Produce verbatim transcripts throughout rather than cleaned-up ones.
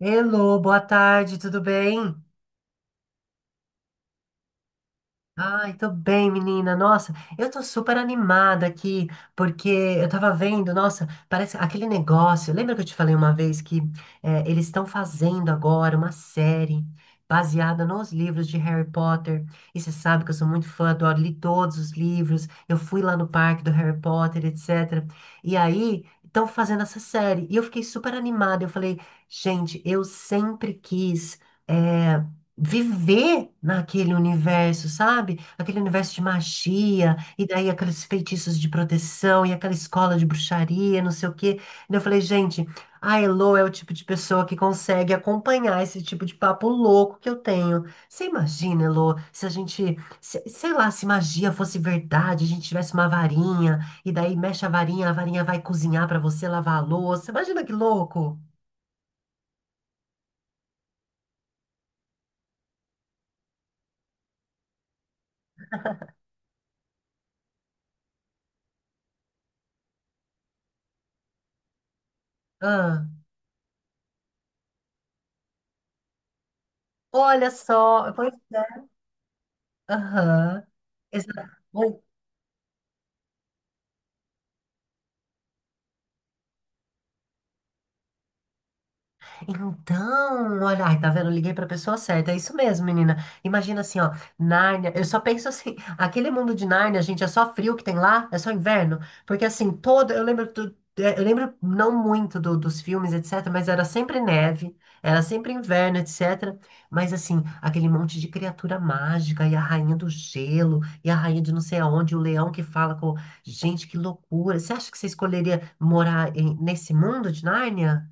Hello, boa tarde, tudo bem? Ai, tô bem, menina. Nossa, eu tô super animada aqui, porque eu tava vendo, nossa, parece aquele negócio. Lembra que eu te falei uma vez que eh, eles estão fazendo agora uma série baseada nos livros de Harry Potter? E você sabe que eu sou muito fã, adoro, li todos os livros. Eu fui lá no parque do Harry Potter, etcétera. E aí, estão fazendo essa série. E eu fiquei super animada. Eu falei, gente, eu sempre quis. eh, viver naquele universo, sabe? Aquele universo de magia, e daí aqueles feitiços de proteção, e aquela escola de bruxaria, não sei o quê. E eu falei, gente, a Elo é o tipo de pessoa que consegue acompanhar esse tipo de papo louco que eu tenho. Você imagina, Elo, se a gente, se- sei lá, se magia fosse verdade, a gente tivesse uma varinha, e daí mexe a varinha, a varinha vai cozinhar pra você, lavar a louça. Imagina que louco! Ah, olha só, pois é. Aham. Exa- Ou, Então, olha, ai, tá vendo? Eu liguei pra pessoa certa. É isso mesmo, menina. Imagina assim, ó, Nárnia. Eu só penso assim, aquele mundo de Nárnia, gente, é só frio que tem lá, é só inverno. Porque assim, todo, eu lembro do- é, eu lembro não muito do- dos filmes, etc, mas era sempre neve, era sempre inverno, etcétera. Mas assim, aquele monte de criatura mágica e a rainha do gelo e a rainha de não sei aonde, o leão que fala com, gente, que loucura. Você acha que você escolheria morar em- nesse mundo de Nárnia?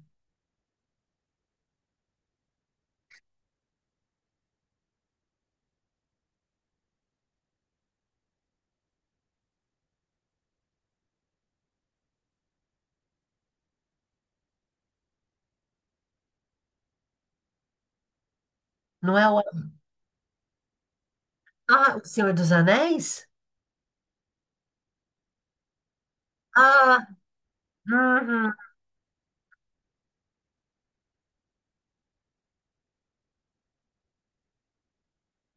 Não é. Ah, O Senhor dos Anéis? Ah, uhum.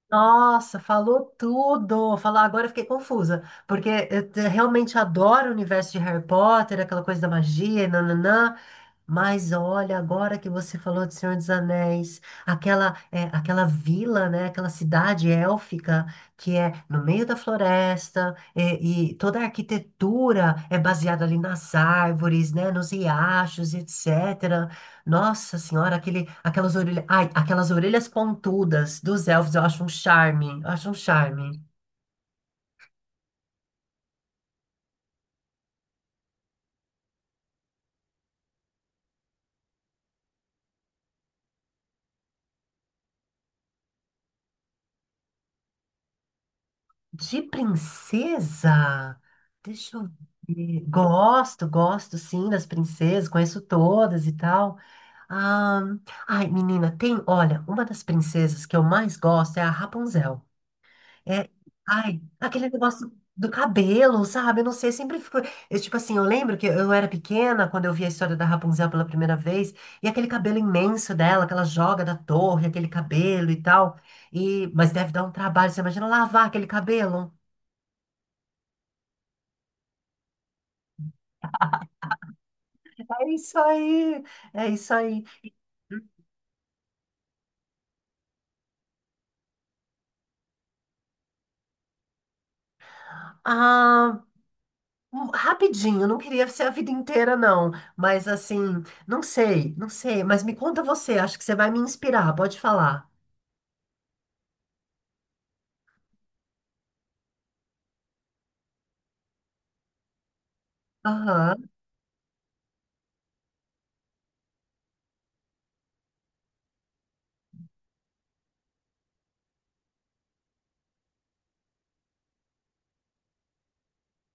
Nossa, falou tudo. Falar agora eu fiquei confusa, porque eu te- realmente adoro o universo de Harry Potter, aquela coisa da magia, e nananã. Mas olha, agora que você falou de Senhor dos Anéis, aquela é, aquela vila, né, aquela cidade élfica que é no meio da floresta é, e toda a arquitetura é baseada ali nas árvores, né, nos riachos, etcétera. Nossa senhora, aquele, aquelas orelhas, ai, aquelas orelhas pontudas dos elfos, eu acho um charme, eu acho um charme. De princesa? Deixa eu ver. Gosto, gosto sim das princesas, conheço todas e tal. Ah, ai, menina, tem, olha, uma das princesas que eu mais gosto é a Rapunzel. É, ai, aquele negócio do cabelo, sabe? Eu não sei, sempre ficou. eu, Tipo assim, eu lembro que eu era pequena quando eu vi a história da Rapunzel pela primeira vez, e aquele cabelo imenso dela, que ela joga da torre, aquele cabelo e tal. E, mas deve dar um trabalho, você imagina lavar aquele cabelo? É isso aí, é isso aí. Ah, um- rapidinho, não queria ser a vida inteira, não. Mas assim, não sei, não sei. Mas me conta você, acho que você vai me inspirar, pode falar. Aham.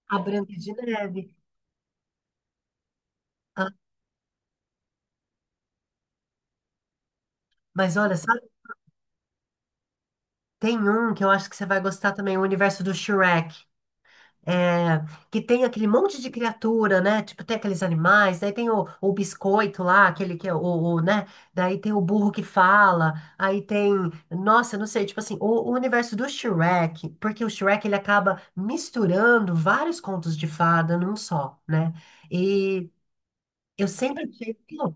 A Branca de Neve. Ah, mas olha, sabe, tem um que eu acho que você vai gostar também, o universo do Shrek. É, que tem aquele monte de criatura, né? Tipo, tem aqueles animais, daí tem o, o biscoito lá, aquele que é o, o, né? Daí tem o burro que fala, aí tem, nossa, eu não sei, tipo assim, o, o universo do Shrek, porque o Shrek ele acaba misturando vários contos de fada num só, né? E eu sempre achei, pô,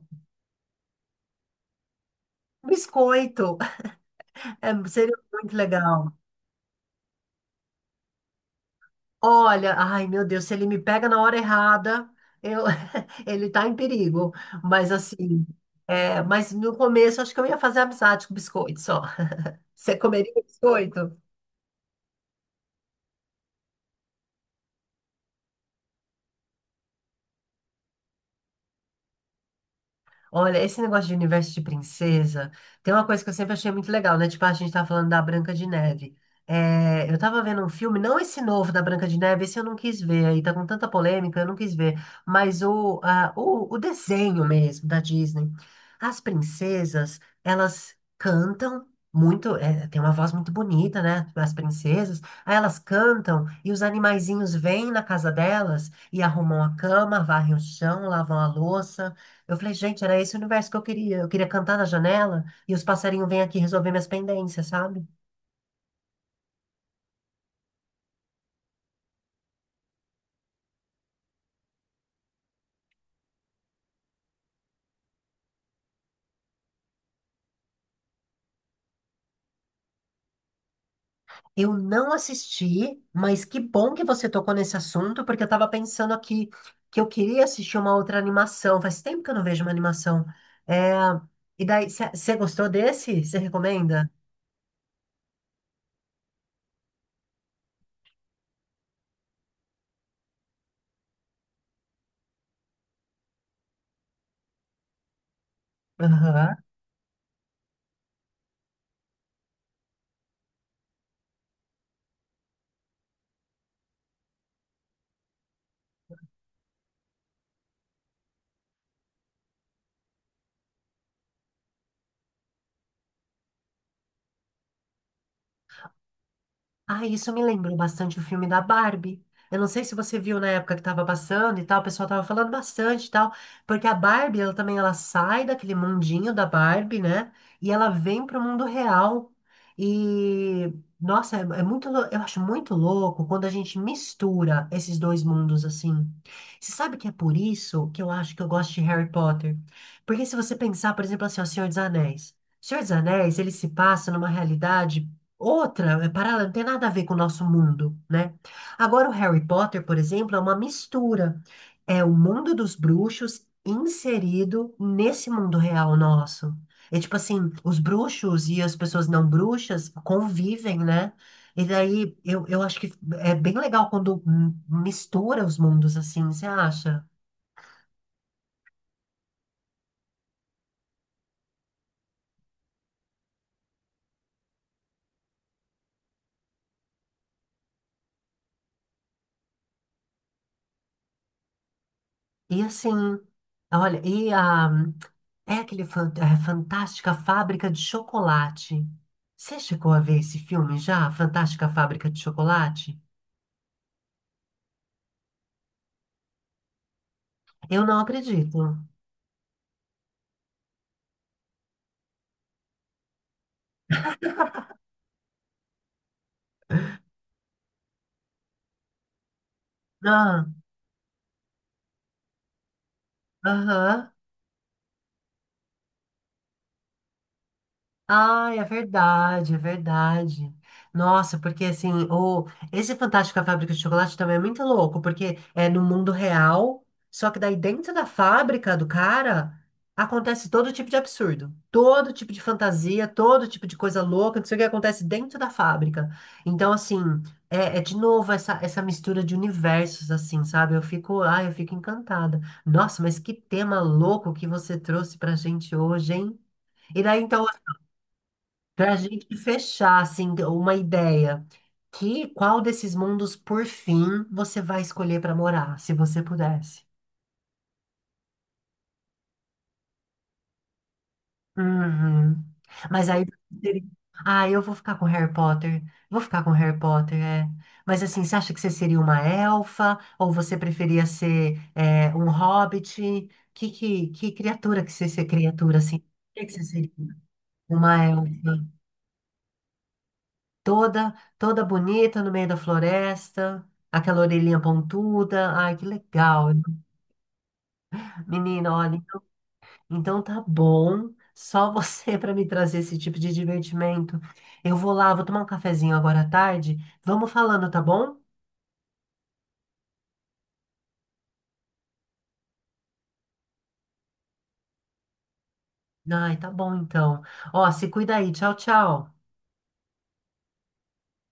biscoito, é, seria muito legal. Olha, ai meu Deus, se ele me pega na hora errada, eu, ele tá em perigo. Mas assim, é, mas no começo acho que eu ia fazer amizade com biscoito só. Você comeria biscoito? Olha, esse negócio de universo de princesa, tem uma coisa que eu sempre achei muito legal, né? Tipo, a gente tá falando da Branca de Neve. É, eu tava vendo um filme, não esse novo da Branca de Neve, esse eu não quis ver, aí tá com tanta polêmica, eu não quis ver, mas o, a- o, o desenho mesmo da Disney. As princesas, elas cantam muito, é, tem uma voz muito bonita, né? As princesas, aí elas cantam e os animaizinhos vêm na casa delas e arrumam a cama, varrem o chão, lavam a louça. Eu falei, gente, era esse o universo que eu queria. Eu queria cantar na janela e os passarinhos vêm aqui resolver minhas pendências, sabe? Eu não assisti, mas que bom que você tocou nesse assunto, porque eu tava pensando aqui que eu queria assistir uma outra animação. Faz tempo que eu não vejo uma animação. É... E daí, você gostou desse? Você recomenda? Aham. Ah, isso me lembrou bastante o filme da Barbie. Eu não sei se você viu na época que estava passando e tal, o pessoal tava falando bastante e tal, porque a Barbie, ela também ela sai daquele mundinho da Barbie, né? E ela vem pro mundo real. E nossa, é, é muito, lou- eu acho muito louco quando a gente mistura esses dois mundos assim. Você sabe que é por isso que eu acho que eu gosto de Harry Potter? Porque se você pensar, por exemplo, assim, ó, Senhor dos Anéis. Senhor dos Anéis, ele se passa numa realidade outra, é paralela, não tem nada a ver com o nosso mundo, né? Agora, o Harry Potter, por exemplo, é uma mistura. É o mundo dos bruxos inserido nesse mundo real nosso. É tipo assim, os bruxos e as pessoas não bruxas convivem, né? E daí, eu, eu acho que é bem legal quando hum, mistura os mundos assim, você acha? E assim, olha, e a, é aquele fan- é, Fantástica Fábrica de Chocolate. Você chegou a ver esse filme já? Fantástica Fábrica de Chocolate? Eu não acredito. Ah, aham. Ai, é verdade, é verdade. Nossa, porque assim, o, esse Fantástico a Fábrica de Chocolate também é muito louco, porque é no mundo real, só que daí dentro da fábrica do cara acontece todo tipo de absurdo, todo tipo de fantasia, todo tipo de coisa louca, não sei o que acontece dentro da fábrica. Então, assim, é, é de novo essa, essa mistura de universos, assim, sabe? Eu fico, ai, eu fico encantada. Nossa, mas que tema louco que você trouxe pra gente hoje, hein? E daí, então, para a gente fechar, assim, uma ideia, que qual desses mundos, por fim, você vai escolher para morar, se você pudesse? Uhum. Mas aí, seria- ah, eu vou ficar com Harry Potter, vou ficar com Harry Potter, é. Mas assim, você acha que você seria uma elfa, ou você preferia ser é, um hobbit? Que, que, que criatura que você ser criatura, assim? O que que você seria? Uma elfa. Toda, toda bonita no meio da floresta, aquela orelhinha pontuda. Ai, que legal. Menina, olha, então então tá bom. Só você para me trazer esse tipo de divertimento. Eu vou lá, vou tomar um cafezinho agora à tarde. Vamos falando, tá bom? Ai, tá bom então. Ó, se cuida aí. Tchau, tchau.